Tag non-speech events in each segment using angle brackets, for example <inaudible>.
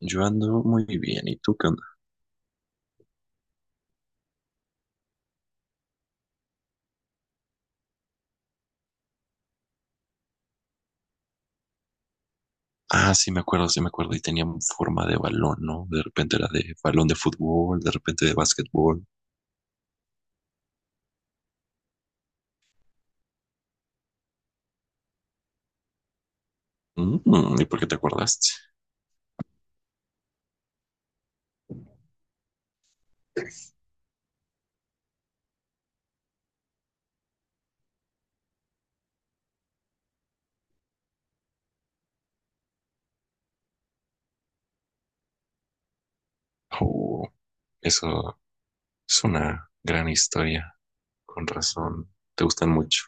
Yo ando muy bien, ¿y tú qué onda? Ah, sí, me acuerdo, sí, me acuerdo. Y tenía forma de balón, ¿no? De repente era de balón de fútbol, de repente de básquetbol. Mm, ¿y por qué te acordaste? Oh, eso es una gran historia. Con razón, te gustan mucho.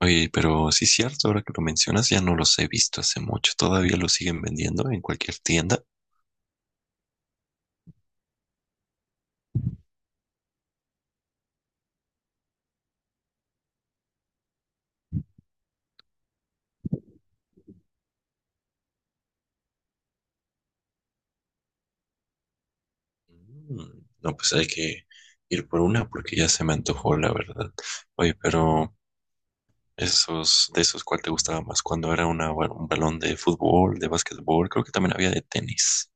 Oye, pero sí es cierto, ahora que lo mencionas, ya no los he visto hace mucho. ¿Todavía los siguen vendiendo en cualquier tienda? Mm, no, pues hay que ir por una porque ya se me antojó, la verdad. Oye, pero esos, de esos, ¿cuál te gustaba más? Cuando era una un balón de fútbol, de básquetbol, creo que también había de tenis.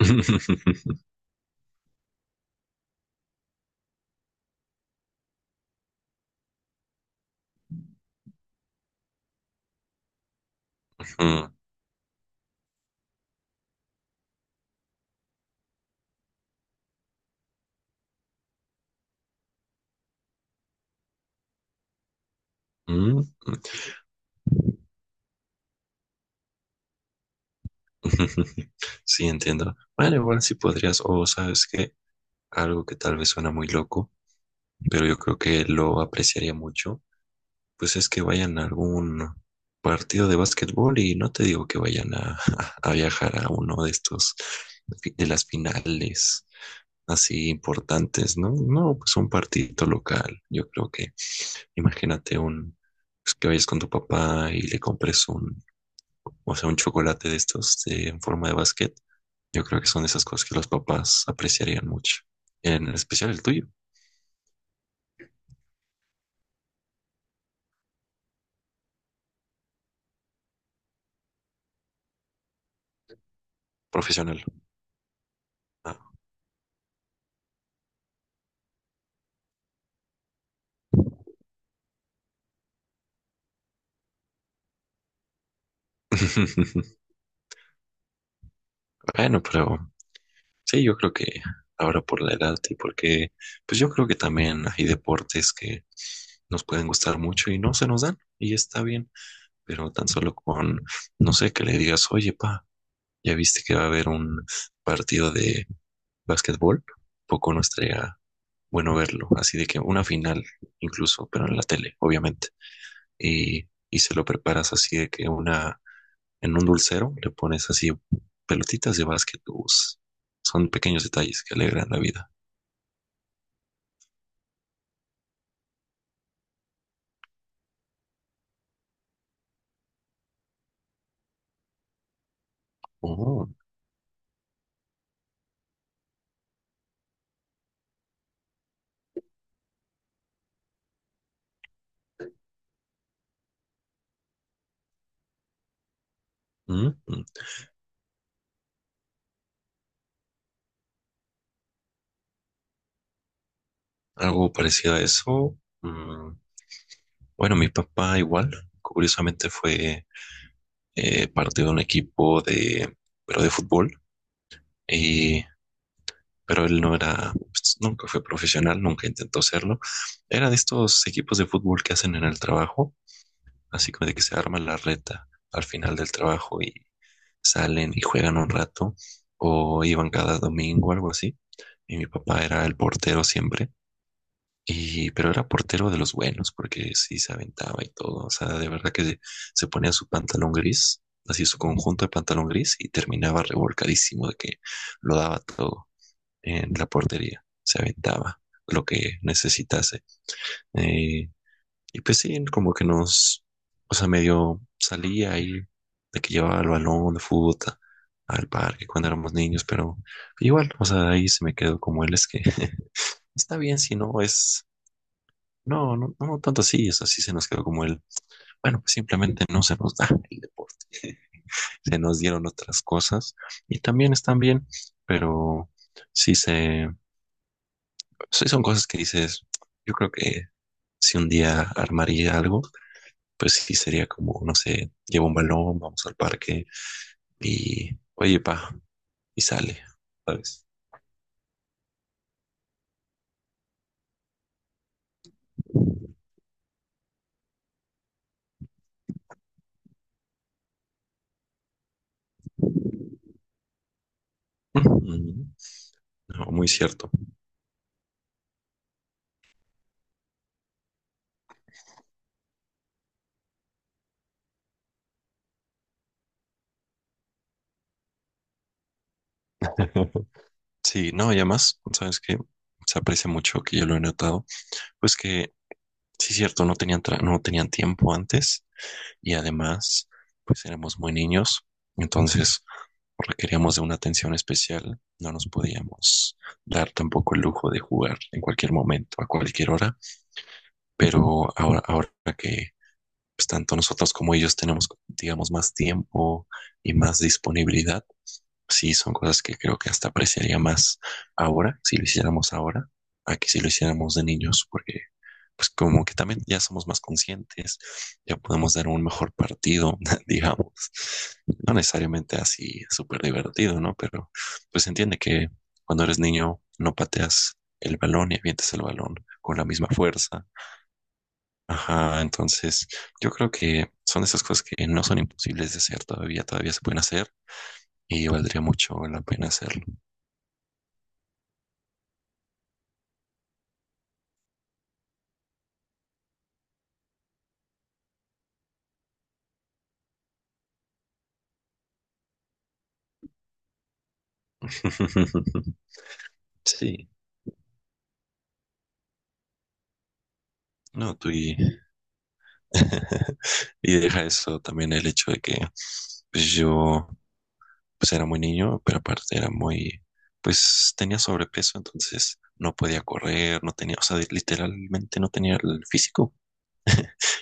<laughs> Mm, mm. <laughs> Sí, entiendo. Bueno, igual sí podrías, o sabes que algo que tal vez suena muy loco, pero yo creo que lo apreciaría mucho, pues es que vayan a algún partido de básquetbol y no te digo que vayan a, <laughs> a viajar a uno de estos, de las finales. Así importantes, ¿no? No, pues un partidito local. Yo creo que, imagínate un, pues que vayas con tu papá y le compres un, o sea, un chocolate de estos en forma de basquet. Yo creo que son de esas cosas que los papás apreciarían mucho. En especial el tuyo, profesional. Ah. <laughs> Bueno, pero sí, yo creo que ahora por la edad y porque, pues yo creo que también hay deportes que nos pueden gustar mucho y no se nos dan y está bien. Pero tan solo con, no sé, que le digas, oye, pa, ¿ya viste que va a haber un partido de básquetbol? Poco no estaría bueno verlo, así de que una final incluso, pero en la tele, obviamente. Y se lo preparas así de que una, en un dulcero le pones así pelotitas de básquet. Us. Son pequeños detalles que alegran la vida. Oh, mm, mm. Algo parecido a eso. Mm, bueno, mi papá igual, curiosamente fue parte de un equipo de, pero de fútbol, y, pero él no era, pues, nunca fue profesional, nunca intentó serlo. Era de estos equipos de fútbol que hacen en el trabajo, así como de que se arma la reta al final del trabajo y salen y juegan un rato, o iban cada domingo, algo así. Y mi papá era el portero siempre. Y, pero era portero de los buenos, porque sí se aventaba y todo. O sea, de verdad que se ponía su pantalón gris, así su conjunto de pantalón gris, y terminaba revolcadísimo de que lo daba todo en la portería. Se aventaba lo que necesitase. Eh, y pues sí, como que nos, o sea, medio salía ahí de que llevaba el balón de fútbol al parque cuando éramos niños, pero igual, o sea, ahí se me quedó como él, es que <laughs> está bien si no es no, no, no, no tanto así, es así se nos quedó como el, bueno, pues simplemente no se nos da el deporte, <laughs> se nos dieron otras cosas y también están bien, pero sí se, sí son cosas que dices, yo creo que si un día armaría algo, pues sí sería como, no sé, llevo un balón, vamos al parque y, oye, pa, y sale, ¿sabes? Ujú. No, muy cierto. <laughs> Sí, no, y además, ¿sabes qué? Se aprecia mucho que yo lo he notado. Pues que, sí, cierto, no tenían, no tenían tiempo antes y además, pues éramos muy niños, entonces requeríamos de una atención especial, no nos podíamos dar tampoco el lujo de jugar en cualquier momento, a cualquier hora, pero ahora, ahora que pues, tanto nosotros como ellos tenemos, digamos, más tiempo y más disponibilidad, sí, son cosas que creo que hasta apreciaría más ahora, si lo hiciéramos ahora, a que si lo hiciéramos de niños, porque pues como que también ya somos más conscientes, ya podemos dar un mejor partido, <laughs> digamos. No necesariamente así súper divertido, ¿no? Pero pues entiende que cuando eres niño no pateas el balón y avientas el balón con la misma fuerza. Ajá, entonces yo creo que son esas cosas que no son imposibles de hacer todavía, todavía se pueden hacer y valdría mucho la pena hacerlo. <laughs> Sí, no, tú y <laughs> y deja eso también el hecho de que pues yo pues era muy niño, pero aparte era muy, pues tenía sobrepeso, entonces no podía correr, no tenía, o sea, literalmente no tenía el físico.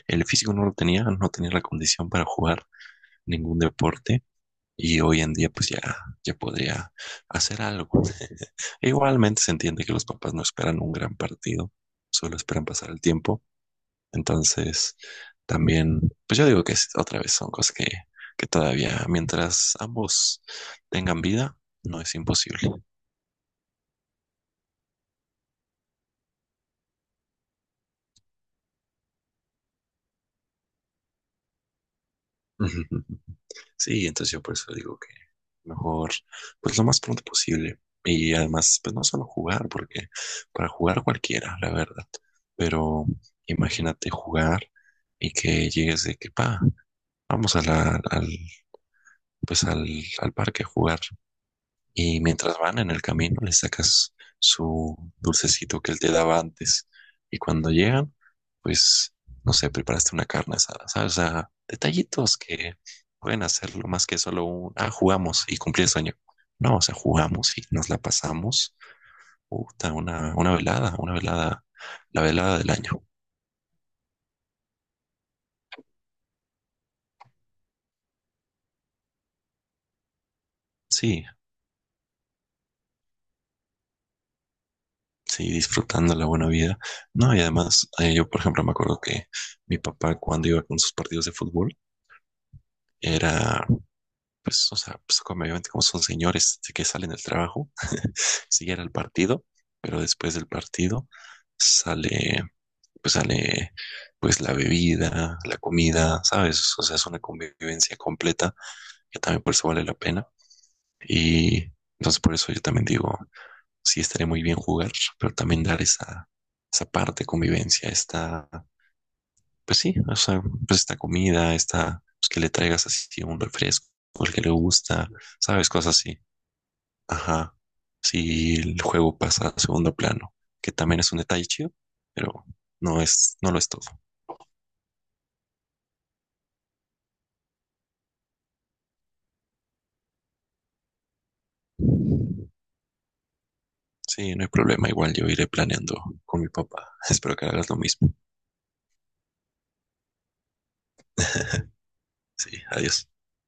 El físico no lo tenía, no tenía la condición para jugar ningún deporte. Y hoy en día pues ya, ya podría hacer algo. <laughs> E igualmente se entiende que los papás no esperan un gran partido, solo esperan pasar el tiempo. Entonces, también, pues yo digo que otra vez son cosas que todavía, mientras ambos tengan vida, no es imposible. <laughs> Ujú. Sí, entonces yo por eso digo que mejor, pues lo más pronto posible. Y además, pues no solo jugar, porque para jugar cualquiera, la verdad. Pero imagínate jugar y que llegues de que, pa, vamos a la, al, pues al, al parque a jugar. Y mientras van en el camino, le sacas su dulcecito que él te daba antes. Y cuando llegan, pues, no sé, preparaste una carne asada, ¿sabes? O sea, detallitos que pueden hacerlo más que solo un, ah, jugamos y cumplí el sueño. No, o sea, jugamos y nos la pasamos. Puta, una velada, la velada del año. Sí, sí, disfrutando la buena vida. No, y además, yo, por ejemplo, me acuerdo que mi papá, cuando iba con sus partidos de fútbol, era pues, o sea, pues como obviamente como son señores de que salen del trabajo, siguen al partido, pero después del partido sale, sale, pues la bebida, la comida, ¿sabes? O sea, es una convivencia completa que también por eso vale la pena. Y entonces por eso yo también digo, sí estaría muy bien jugar, pero también dar esa, esa parte de convivencia, esta, pues sí, o sea, pues esta comida, esta, pues que le traigas así un refresco, el que le gusta, ¿sabes? Cosas así. Ajá. Si el juego pasa a segundo plano, que también es un detalle chido, pero no es, no lo es todo. Sí, no hay problema. Igual yo iré planeando con mi papá. <laughs> Espero que hagas lo mismo. <laughs> Sí, adiós.